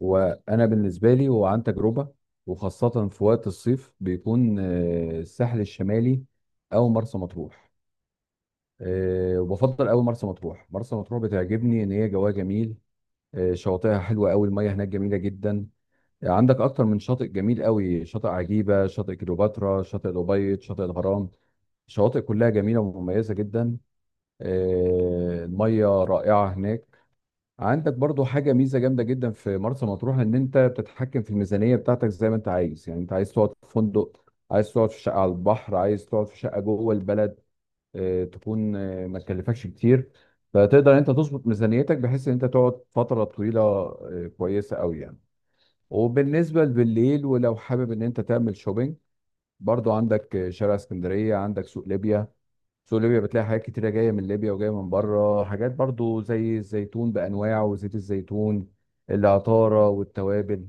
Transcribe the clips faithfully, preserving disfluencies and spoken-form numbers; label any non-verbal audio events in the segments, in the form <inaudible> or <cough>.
وانا بالنسبه لي هو عن تجربه، وخاصه في وقت الصيف بيكون آه، الساحل الشمالي او مرسى مطروح. آه، وبفضل قوي مرسى مطروح مرسى مطروح بتعجبني ان هي جواها جميل. آه، شواطئها حلوه قوي، الميه هناك جميله جدا. آه، عندك اكتر من شاطئ جميل قوي، شاطئ عجيبه، شاطئ كليوباترا، شاطئ الابيض، شاطئ الغرام. الشواطئ كلها جميله ومميزه جدا. آه، الميه رائعه هناك. عندك برضو حاجة ميزة جامدة جدا في مرسى مطروح، ان انت بتتحكم في الميزانية بتاعتك زي ما انت عايز. يعني انت عايز تقعد في فندق، عايز تقعد في شقة على البحر، عايز تقعد في شقة جوه البلد، اه تكون اه ما تكلفكش كتير. فتقدر انت تظبط ميزانيتك بحيث ان انت تقعد فترة طويلة اه كويسة قوي يعني. وبالنسبة بالليل ولو حابب ان انت تعمل شوبينج، برضو عندك آه، شارع اسكندرية، عندك سوق ليبيا. سوق ليبيا بتلاقي حاجات كتيرة جاية من ليبيا وجاية من بره، حاجات برضو زي الزيتون بأنواعه وزيت الزيتون، العطارة والتوابل.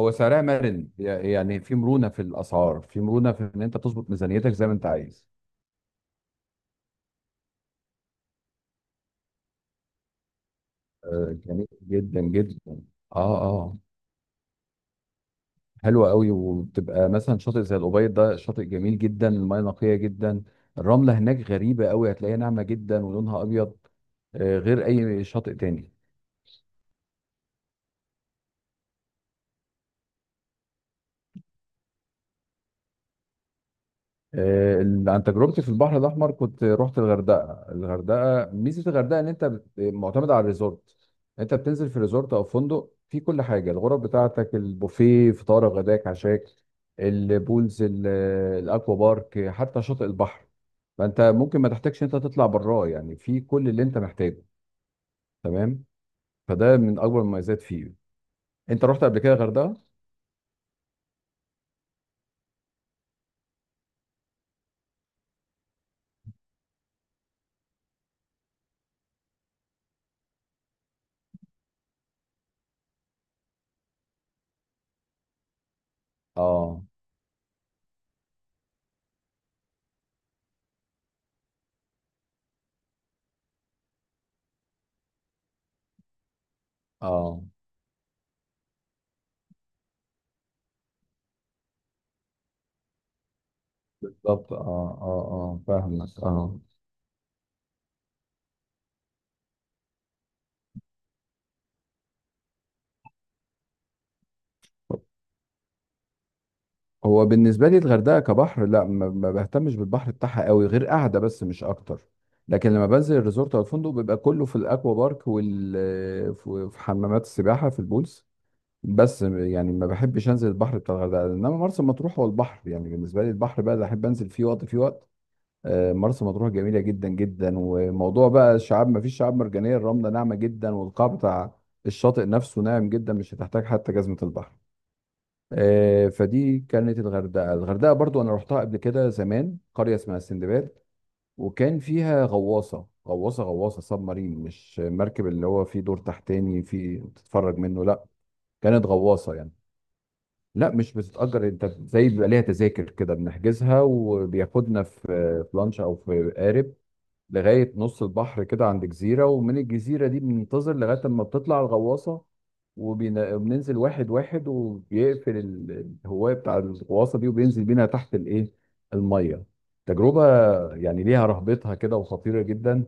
هو سعرها مرن، يع- يعني في مرونة في الأسعار، في مرونة في إن أنت تظبط ميزانيتك زي ما أنت عايز. آه، جميل جدا جدا. اه، اه. حلوة قوي، وبتبقى مثلا شاطئ زي الأوبيد، ده شاطئ جميل جدا، المياه نقية جدا. الرملة هناك غريبة قوي، هتلاقيها ناعمة جدا ولونها أبيض. آه، غير أي شاطئ تاني. آه، ال- عن تجربتي في البحر الاحمر كنت رحت الغردقه. الغردقه ميزه الغردقه ان انت بت- معتمد على الريزورت. انت بتنزل في ريزورت او فندق، في كل حاجه، الغرف بتاعتك، البوفيه، فطارك غداك عشاك، البولز ال- الاكوا بارك، حتى شاطئ البحر. فانت ممكن ما تحتاجش انت تطلع براه، يعني في كل اللي انت محتاجه. تمام. فده من اكبر المميزات فيه. انت رحت قبل كده الغردقه؟ اه، اه. بالظبط، اه اه اه، فاهمك اه. هو بالنسبه لي الغردقه كبحر لا، ما ما بهتمش بالبحر بتاعها قوي، غير قاعده بس مش اكتر. لكن لما بنزل الريزورت او الفندق، بيبقى كله في الاكوا بارك وال في في حمامات السباحه، في البولز. بس يعني ما بحبش انزل البحر بتاع الغردقه، انما مرسى مطروح هو البحر يعني بالنسبه لي، البحر بقى اللي احب انزل فيه وقت فيه وقت آه، مرسى مطروح جميله جدا جدا. وموضوع بقى الشعاب، ما فيش شعاب مرجانيه، الرمله ناعمه جدا، والقاع بتاع الشاطئ نفسه ناعم جدا، مش هتحتاج حتى جزمه البحر. آه، فدي كانت الغردقه. الغردقه برضو انا رحتها قبل كده زمان، قريه اسمها السندباد. وكان فيها غواصه. غواصه غواصه سب مارين، مش مركب اللي هو فيه دور تحتاني فيه تتفرج منه، لا، كانت غواصه يعني. لا مش بتتأجر، انت زي بيبقى ليها تذاكر كده، بنحجزها، وبياخدنا في في لانش او في قارب لغاية نص البحر كده، عند جزيرة، ومن الجزيرة دي بننتظر لغاية لما بتطلع الغواصة، وبين- وبننزل واحد واحد، وبيقفل ال- الهواية بتاع الغواصة دي، وبينزل بينا تحت الإيه، المية. تجربة يعني ليها رهبتها كده وخطيرة جدا،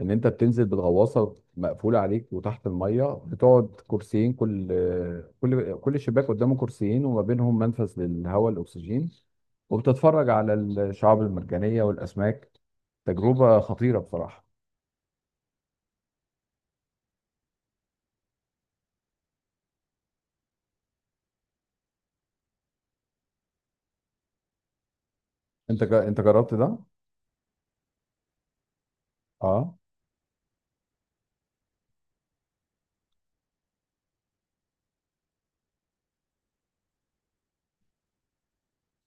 ان انت بتنزل بالغواصه مقفوله عليك، وتحت الميه بتقعد كرسيين، كل كل كل شباك قدامه كرسيين، وما بينهم منفذ للهواء الاكسجين، وبتتفرج على الشعاب المرجانيه والاسماك. تجربه خطيره بصراحه. انت جا- انت جربت ده؟ اه.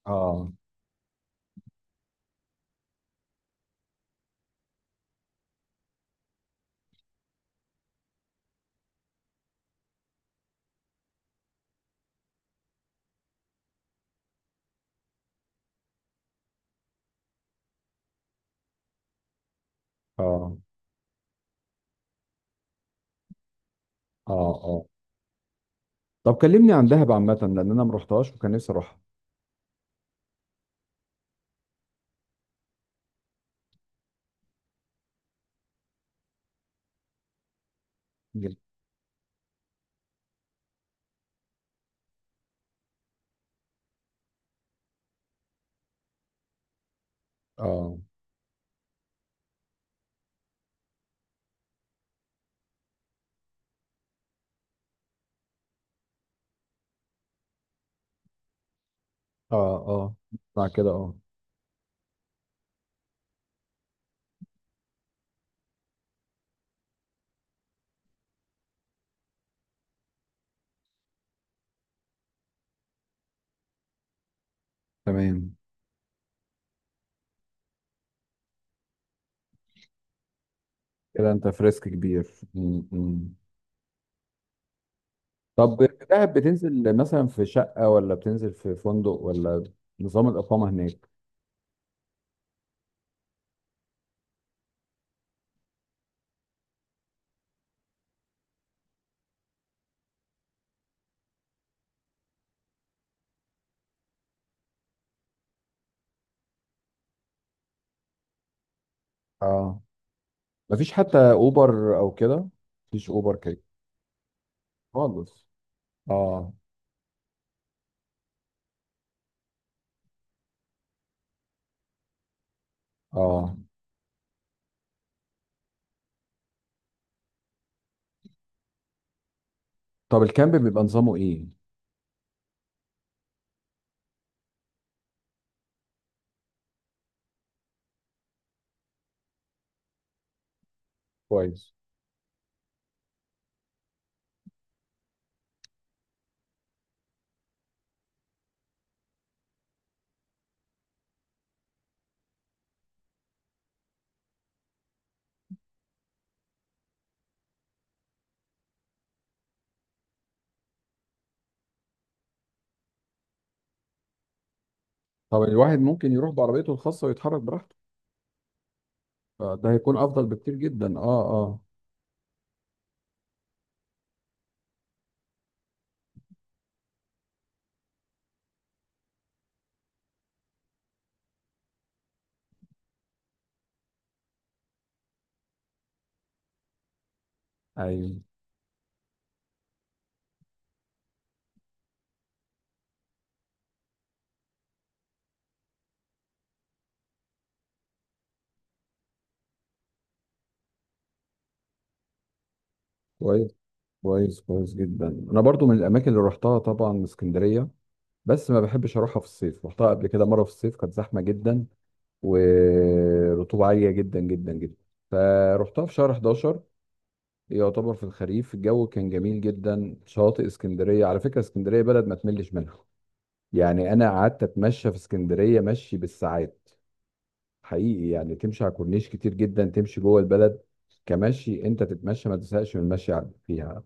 اه اه اه اه. طب كلمني عن دهب عامه، لان انا ما رحتهاش وكان نفسي اروحها. جدا. اه، اه اه. بعد كده اه. تمام. كده انت فريسك كبير، م- م. طب في دهب بتنزل مثلا في شقة ولا بتنزل في فندق، ولا نظام الإقامة هناك؟ اه. مفيش حتى أوبر أو كده؟ مفيش أوبر كده خالص؟ اه، اه. طب الكامب بيبقى نظامه إيه؟ كويس. طب الواحد ممكن يروح بعربيته الخاصة ويتحرك براحته، فده هيكون أفضل بكتير جدا، اه اه. ايوه. كويس. كويس كويس جدا. أنا برضو من الأماكن اللي رحتها طبعا اسكندرية، بس ما بحبش أروحها في الصيف. رحتها قبل كده مرة في الصيف كانت زحمة جدا، ورطوبة عالية جدا جدا جدا. فروحتها في شهر حداشر، يعتبر في الخريف، الجو كان جميل جدا. شاطئ اسكندرية، على فكرة اسكندرية بلد ما تملش منها، يعني أنا قعدت أتمشى في اسكندرية مشي بالساعات. حقيقي يعني تمشي على كورنيش كتير جدا، تمشي جوه البلد، كمشي أنت تتمشى ما تزهقش من المشي على- فيها.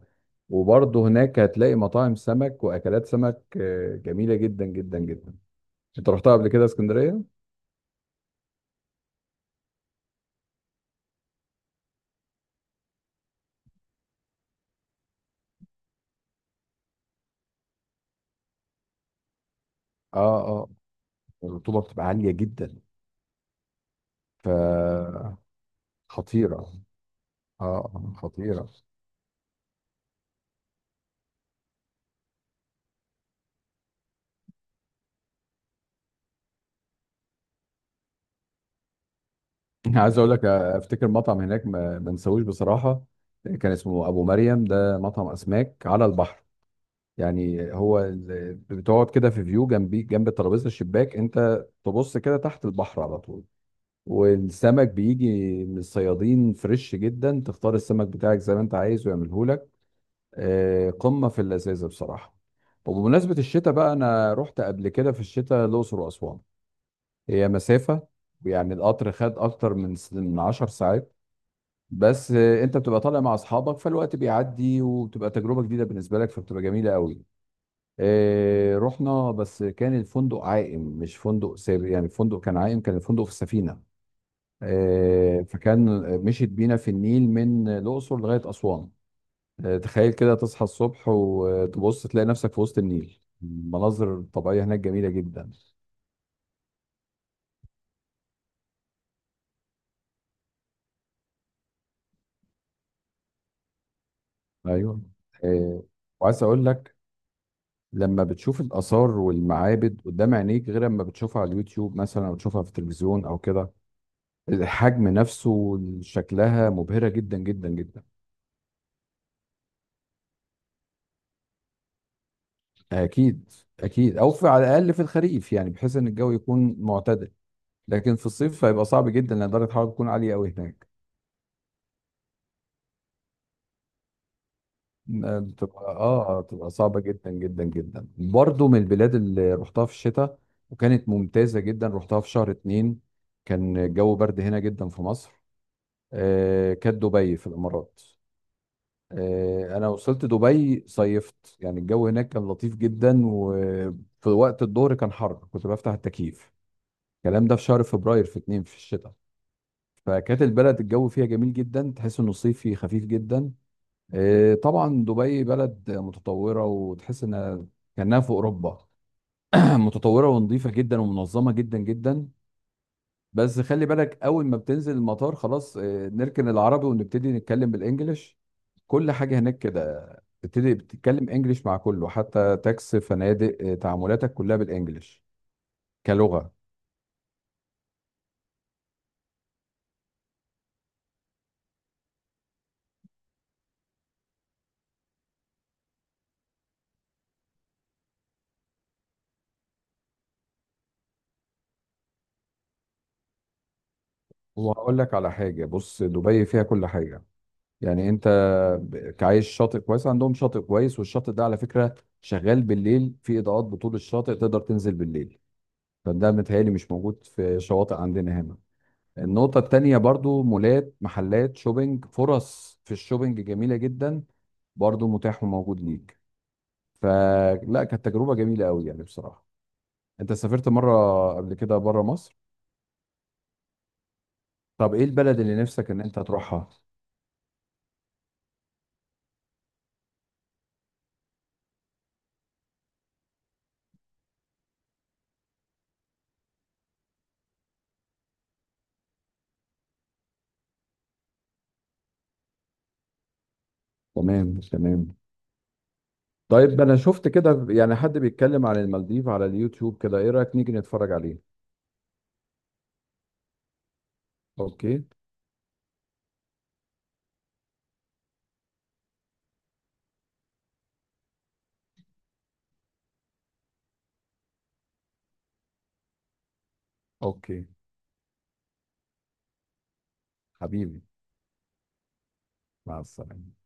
وبرضه هناك هتلاقي مطاعم سمك وأكلات سمك آه، جميلة جدا جدا جدا. أنت رحتها قبل كده اسكندرية؟ اه، اه. الرطوبه بتبقى عاليه جدا، فخطيرة. اه، خطيرة. عايز اقول لك افتكر مطعم هناك ما ما انساهوش بصراحة، كان اسمه ابو مريم، ده مطعم اسماك على البحر. يعني هو ال- بتقعد كده في فيو، جنبي جنب ترابيزة الشباك، انت تبص كده تحت البحر على طول. والسمك بيجي من الصيادين فريش جدا، تختار السمك بتاعك زي ما انت عايز ويعمله لك. آه، قمة في اللذاذة بصراحة. وبمناسبة الشتاء بقى، انا رحت قبل كده في الشتاء الاقصر واسوان. هي مسافة، ويعني القطر خد أكتر من س- من عشر ساعات، بس آه، أنت بتبقى طالع مع أصحابك فالوقت بيعدي، وبتبقى تجربة جديدة بالنسبة لك، فبتبقى جميلة قوي. آه، رحنا بس كان الفندق عائم، مش فندق سابق يعني، الفندق كان عائم، كان الفندق في السفينة. آه، فكان مشيت بينا في النيل من الأقصر لغاية أسوان. آه، تخيل كده، تصحى الصبح وتبص تلاقي نفسك في وسط النيل، المناظر الطبيعية هناك جميلة جدا. أيوه. آه، وعايز أقول لك، لما بتشوف الآثار والمعابد قدام عينيك غير لما بتشوفها على اليوتيوب مثلا أو تشوفها في التلفزيون أو كده. الحجم نفسه، شكلها مبهرة جدا جدا جدا. أكيد. أكيد، أو في على الأقل في الخريف، يعني بحيث إن الجو يكون معتدل. لكن في الصيف هيبقى صعب جدا، لأن درجة الحرارة تكون عالية أوي هناك. آه، بتبقى آه بتبقى صعبة جدا جدا جدا. برضه من البلاد اللي رحتها في الشتاء وكانت ممتازة جدا، رحتها في شهر اتنين، كان الجو برد هنا جدا في مصر، آه، كانت دبي في الامارات. آه، انا وصلت دبي صيفت، يعني الجو هناك كان لطيف جدا، وفي وقت الظهر كان حر كنت بفتح التكييف. الكلام ده في شهر فبراير في اتنين في الشتاء. فكانت البلد الجو فيها جميل جدا، تحس انه صيفي خفيف جدا. آه، طبعا دبي بلد متطوره، وتحس انها كانها في اوروبا. <clears throat> متطوره ونظيفه جدا ومنظمه جدا جدا. بس خلي بالك اول ما بتنزل المطار خلاص، آه، نركن العربي ونبتدي نتكلم بالانجلش. كل حاجة هناك كده، بتبتدي بتتكلم انجليش مع كله، حتى تاكس فنادق، آه، تعاملاتك كلها بالانجليش كلغة. وهقول لك على حاجة، بص دبي فيها كل حاجة، يعني انت ب- عايش شاطئ كويس، عندهم شاطئ كويس، والشاطئ ده على فكرة شغال بالليل، في اضاءات بطول الشاطئ، تقدر تنزل بالليل. فده متهيألي مش موجود في شواطئ عندنا هنا. النقطة التانية برضو، مولات، محلات شوبينج، فرص في الشوبينج جميلة جدا، برضو متاح وموجود ليك. فلا كانت تجربة جميلة قوي يعني بصراحة. انت سافرت مرة قبل كده بره مصر؟ طب ايه البلد اللي نفسك ان انت تروحها؟ تمام، تمام. طيب انا شفت كده يعني حد بيتكلم عن المالديف على اليوتيوب كده، ايه رأيك نيجي نتفرج عليه؟ اوكي. اوكي. حبيبي، مع السلامة.